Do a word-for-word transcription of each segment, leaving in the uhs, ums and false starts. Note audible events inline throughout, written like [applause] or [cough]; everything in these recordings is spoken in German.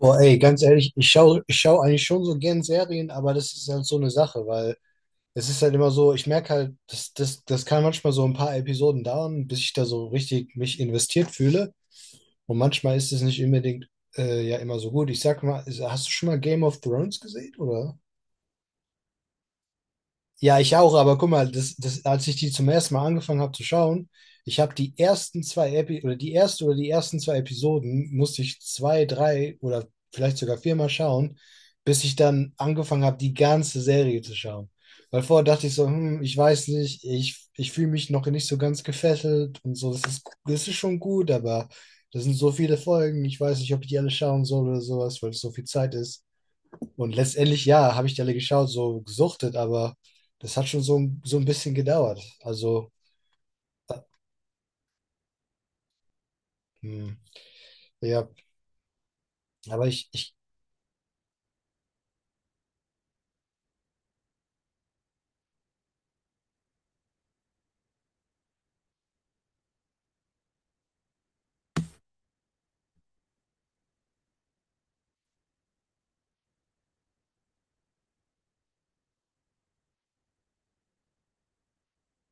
Boah, ey, ganz ehrlich, ich schaue ich schau eigentlich schon so gern Serien, aber das ist halt so eine Sache, weil es ist halt immer so, ich merke halt, das, das, das kann manchmal so ein paar Episoden dauern, bis ich da so richtig mich investiert fühle. Und manchmal ist es nicht unbedingt äh, ja immer so gut. Ich sag mal, ist- hast du schon mal Game of Thrones gesehen, oder? Ja, ich auch, aber guck mal, das, das, als ich die zum ersten Mal angefangen habe zu schauen, ich habe die ersten zwei Epi oder die erste oder die ersten zwei Episoden musste ich zwei, drei oder vielleicht sogar viermal schauen, bis ich dann angefangen habe, die ganze Serie zu schauen. Weil vorher dachte ich so, hm, ich weiß nicht, ich, ich fühle mich noch nicht so ganz gefesselt und so, das ist, das ist schon gut, aber das sind so viele Folgen, ich weiß nicht, ob ich die alle schauen soll oder sowas, weil es so viel Zeit ist. Und letztendlich, ja, habe ich die alle geschaut, so gesuchtet, aber das hat schon so, ein- so ein bisschen gedauert. Also, hm, ja, aber ich, ich,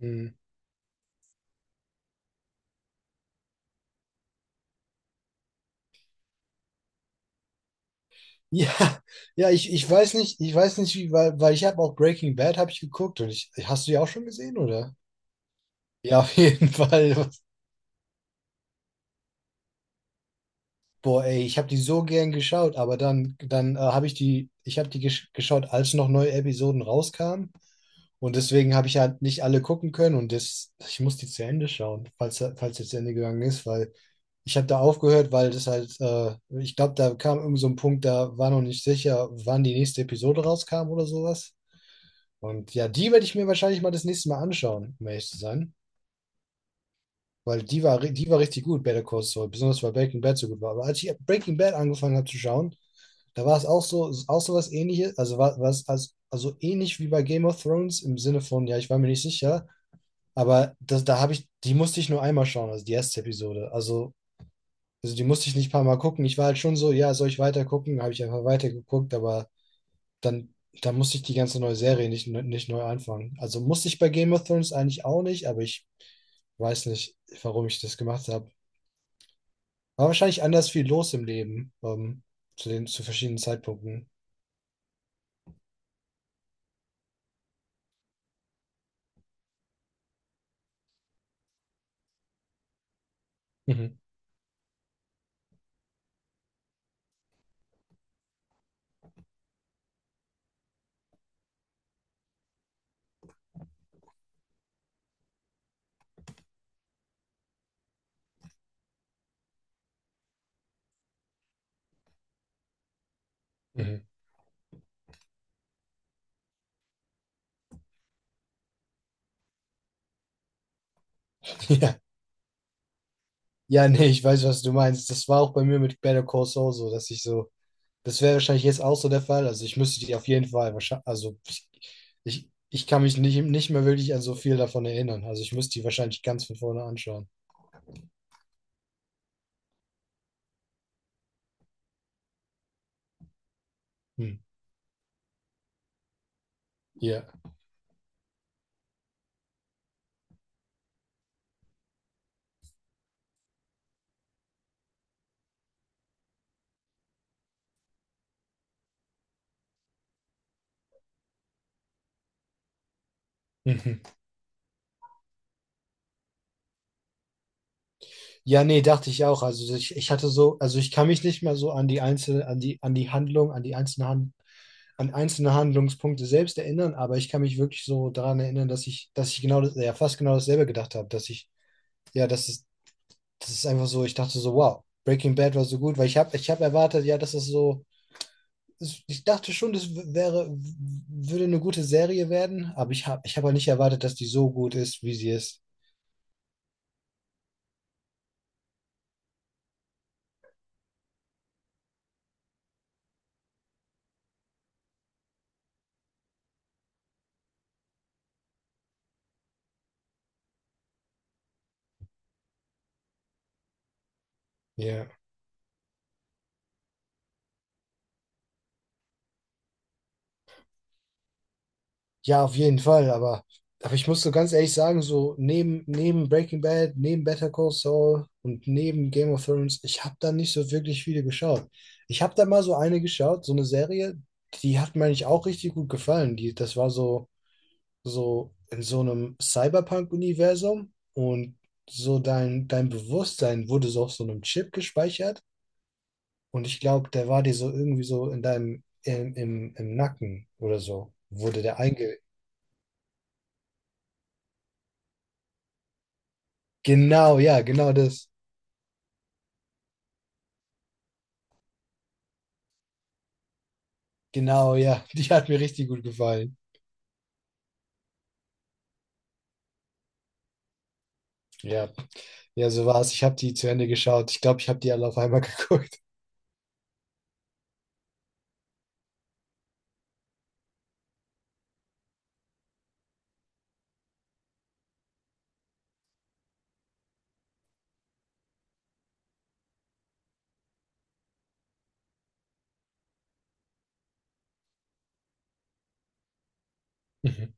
hm, ja, [laughs] ja, ich, ich weiß nicht, ich weiß nicht, wie, weil, weil ich habe auch Breaking Bad habe ich geguckt und ich, hast du die auch schon gesehen, oder? Ja, auf jeden [laughs] Fall. Boah, ey, ich habe die so gern geschaut, aber dann, dann äh, habe ich die, ich habe die gesch geschaut, als noch neue Episoden rauskamen. Und deswegen habe ich halt nicht alle gucken können und das, ich muss die zu Ende schauen, falls, falls jetzt zu Ende gegangen ist, weil ich habe da aufgehört, weil das halt, äh, ich glaube, da kam irgend so ein Punkt, da war noch nicht sicher, wann die nächste Episode rauskam oder sowas. Und ja, die werde ich mir wahrscheinlich mal das nächste Mal anschauen, um ehrlich zu sein. Weil die war, ri- die war richtig gut, Better Call Saul, besonders weil Breaking Bad so gut war. Aber als ich Breaking Bad angefangen habe zu schauen, da war es auch so, auch so was Ähnliches, also war, war es also ähnlich wie bei Game of Thrones im Sinne von, ja, ich war mir nicht sicher, aber das, da habe ich, die musste ich nur einmal schauen, also die erste Episode. Also, also die musste ich nicht ein paar Mal gucken. Ich war halt schon so, ja, soll ich weiter gucken? Habe ich einfach weitergeguckt, aber dann, dann musste ich die ganze neue Serie nicht, nicht neu anfangen. Also musste ich bei Game of Thrones eigentlich auch nicht, aber ich weiß nicht, warum ich das gemacht habe. War wahrscheinlich anders viel los im Leben, ähm, zu den, zu verschiedenen Zeitpunkten. Mhm. Mhm. [laughs] Ja. Ja, nee, ich weiß, was du meinst. Das war auch bei mir mit Better Call Saul so, dass ich so, das wäre wahrscheinlich jetzt auch so der Fall. Also ich müsste die auf jeden Fall wahrscheinlich, also ich, ich, ich kann mich nicht, nicht mehr wirklich an so viel davon erinnern. Also ich müsste die wahrscheinlich ganz von vorne anschauen. Hm. Ja. [laughs] Ja, nee, dachte ich auch. Also ich, ich hatte so, also ich kann mich nicht mehr so an die einzelne, an die, an die Handlung, an die einzelne Han- an einzelne Handlungspunkte selbst erinnern, aber ich kann mich wirklich so daran erinnern, dass ich, dass ich genau das, ja, fast genau dasselbe gedacht habe, dass ich, ja, das ist, das ist einfach so, ich dachte so, wow, Breaking Bad war so gut, weil ich habe, ich habe erwartet, ja, dass es so, es- ich dachte schon, das w- wäre, w- würde eine gute Serie werden, aber ich habe, ich habe halt nicht erwartet, dass die so gut ist, wie sie ist. Ja. Ja, auf jeden Fall, aber, aber ich muss so ganz ehrlich sagen, so neben, neben Breaking Bad, neben Better Call Saul und neben Game of Thrones, ich habe da nicht so wirklich viele geschaut. Ich habe da mal so eine geschaut, so eine Serie, die hat mir eigentlich auch richtig gut gefallen. Die, das war so, so in so einem Cyberpunk-Universum und so dein, dein Bewusstsein wurde so auf so einem Chip gespeichert und ich glaube, der war dir so irgendwie so in deinem, im, im, im Nacken oder so, wurde der einge Genau, ja, genau das. Genau, ja. [laughs] Die hat mir richtig gut gefallen. Ja, ja, so war's. Ich habe die zu Ende geschaut. Ich glaube, ich habe die alle auf einmal [laughs] geguckt. Mhm.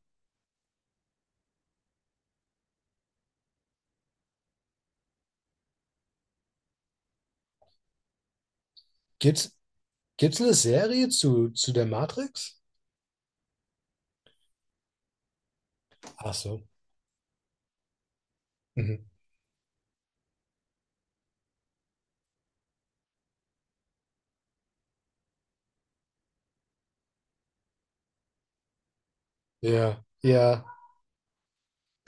Gibt's, gibt's eine Serie zu, zu der Matrix? Ach so. Mhm. Ja, ja,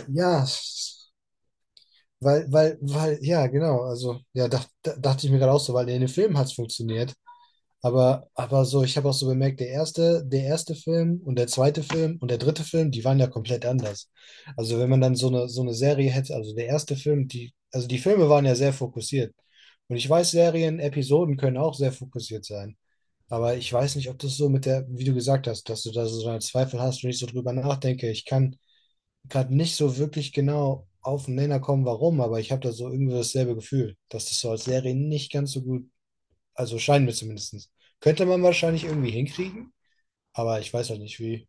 ja. s- Weil, weil, weil, ja, genau. Also, ja, dach, da- dachte ich mir gerade auch so, weil in den Filmen hat's funktioniert. Aber, aber so, ich habe auch so bemerkt, der erste, der erste Film und der zweite Film und der dritte Film, die waren ja komplett anders. Also wenn man dann so eine, so eine Serie hätte, also der erste Film, die, also die Filme waren ja sehr fokussiert. Und ich weiß, Serien, Episoden können auch sehr fokussiert sein. Aber ich weiß nicht, ob das so mit der, wie du gesagt hast, dass du da so einen Zweifel hast und ich so drüber nachdenke. Ich kann gerade nicht so wirklich genau auf den Nenner kommen, warum, aber ich habe da so irgendwie dasselbe Gefühl, dass das so als Serie nicht ganz so gut also scheinen wir zumindest. Könnte man wahrscheinlich irgendwie hinkriegen, aber ich weiß halt nicht wie.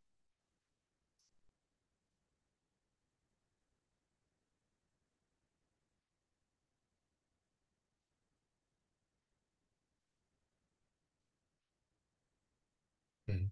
Mhm.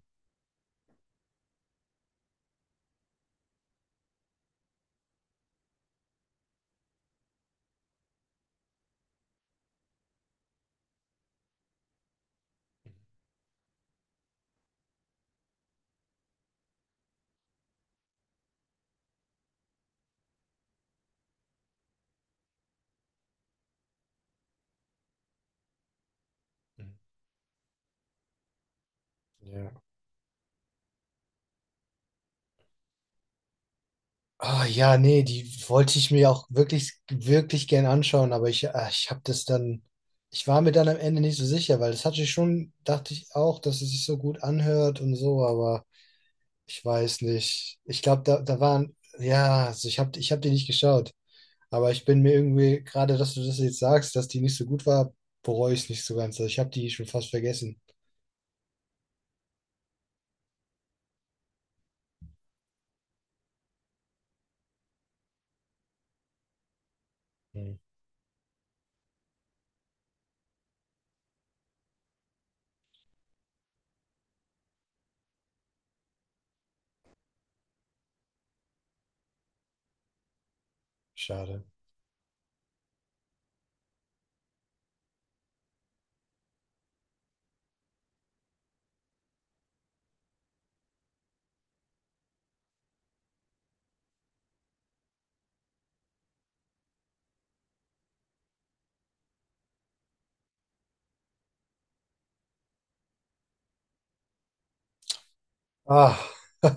Mhm. Ja. Ah, ja, nee, die wollte ich mir auch wirklich, wirklich gern anschauen, aber ich, ah, ich habe das dann, ich war mir dann am Ende nicht so sicher, weil das hatte ich schon, dachte ich auch, dass es sich so gut anhört und so, aber ich weiß nicht. Ich glaube, da, da waren, ja, also ich habe ich hab die nicht geschaut, aber ich bin mir irgendwie, gerade dass du das jetzt sagst, dass die nicht so gut war, bereue ich es nicht so ganz. Also ich habe die schon fast vergessen. Schade. Ah. [laughs]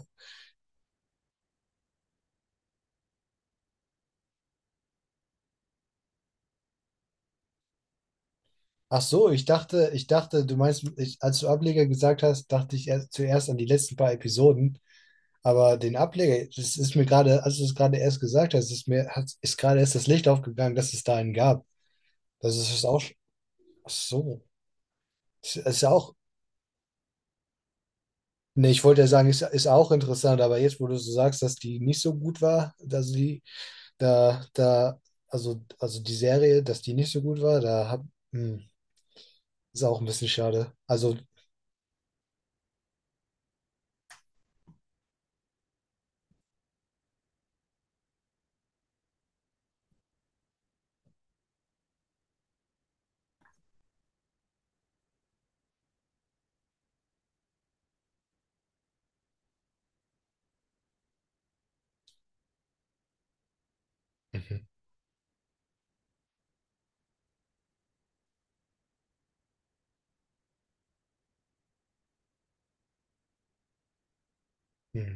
Ach so, ich dachte, ich dachte, du meinst, ich, als du Ableger gesagt hast, dachte ich erst, zuerst an die letzten paar Episoden. Aber den Ableger, das ist mir gerade, als du es gerade erst gesagt hast, ist mir, hat, ist gerade erst das Licht aufgegangen, dass es da einen gab. Das ist es auch. sch- Ach so. Ist, ist ja auch. Nee, ich wollte ja sagen, ist, ist auch interessant, aber jetzt, wo du so sagst, dass die nicht so gut war, dass die, da, da, also, also die Serie, dass die nicht so gut war, da hab, hm, ist auch ein bisschen schade. Also, mhm. mhm.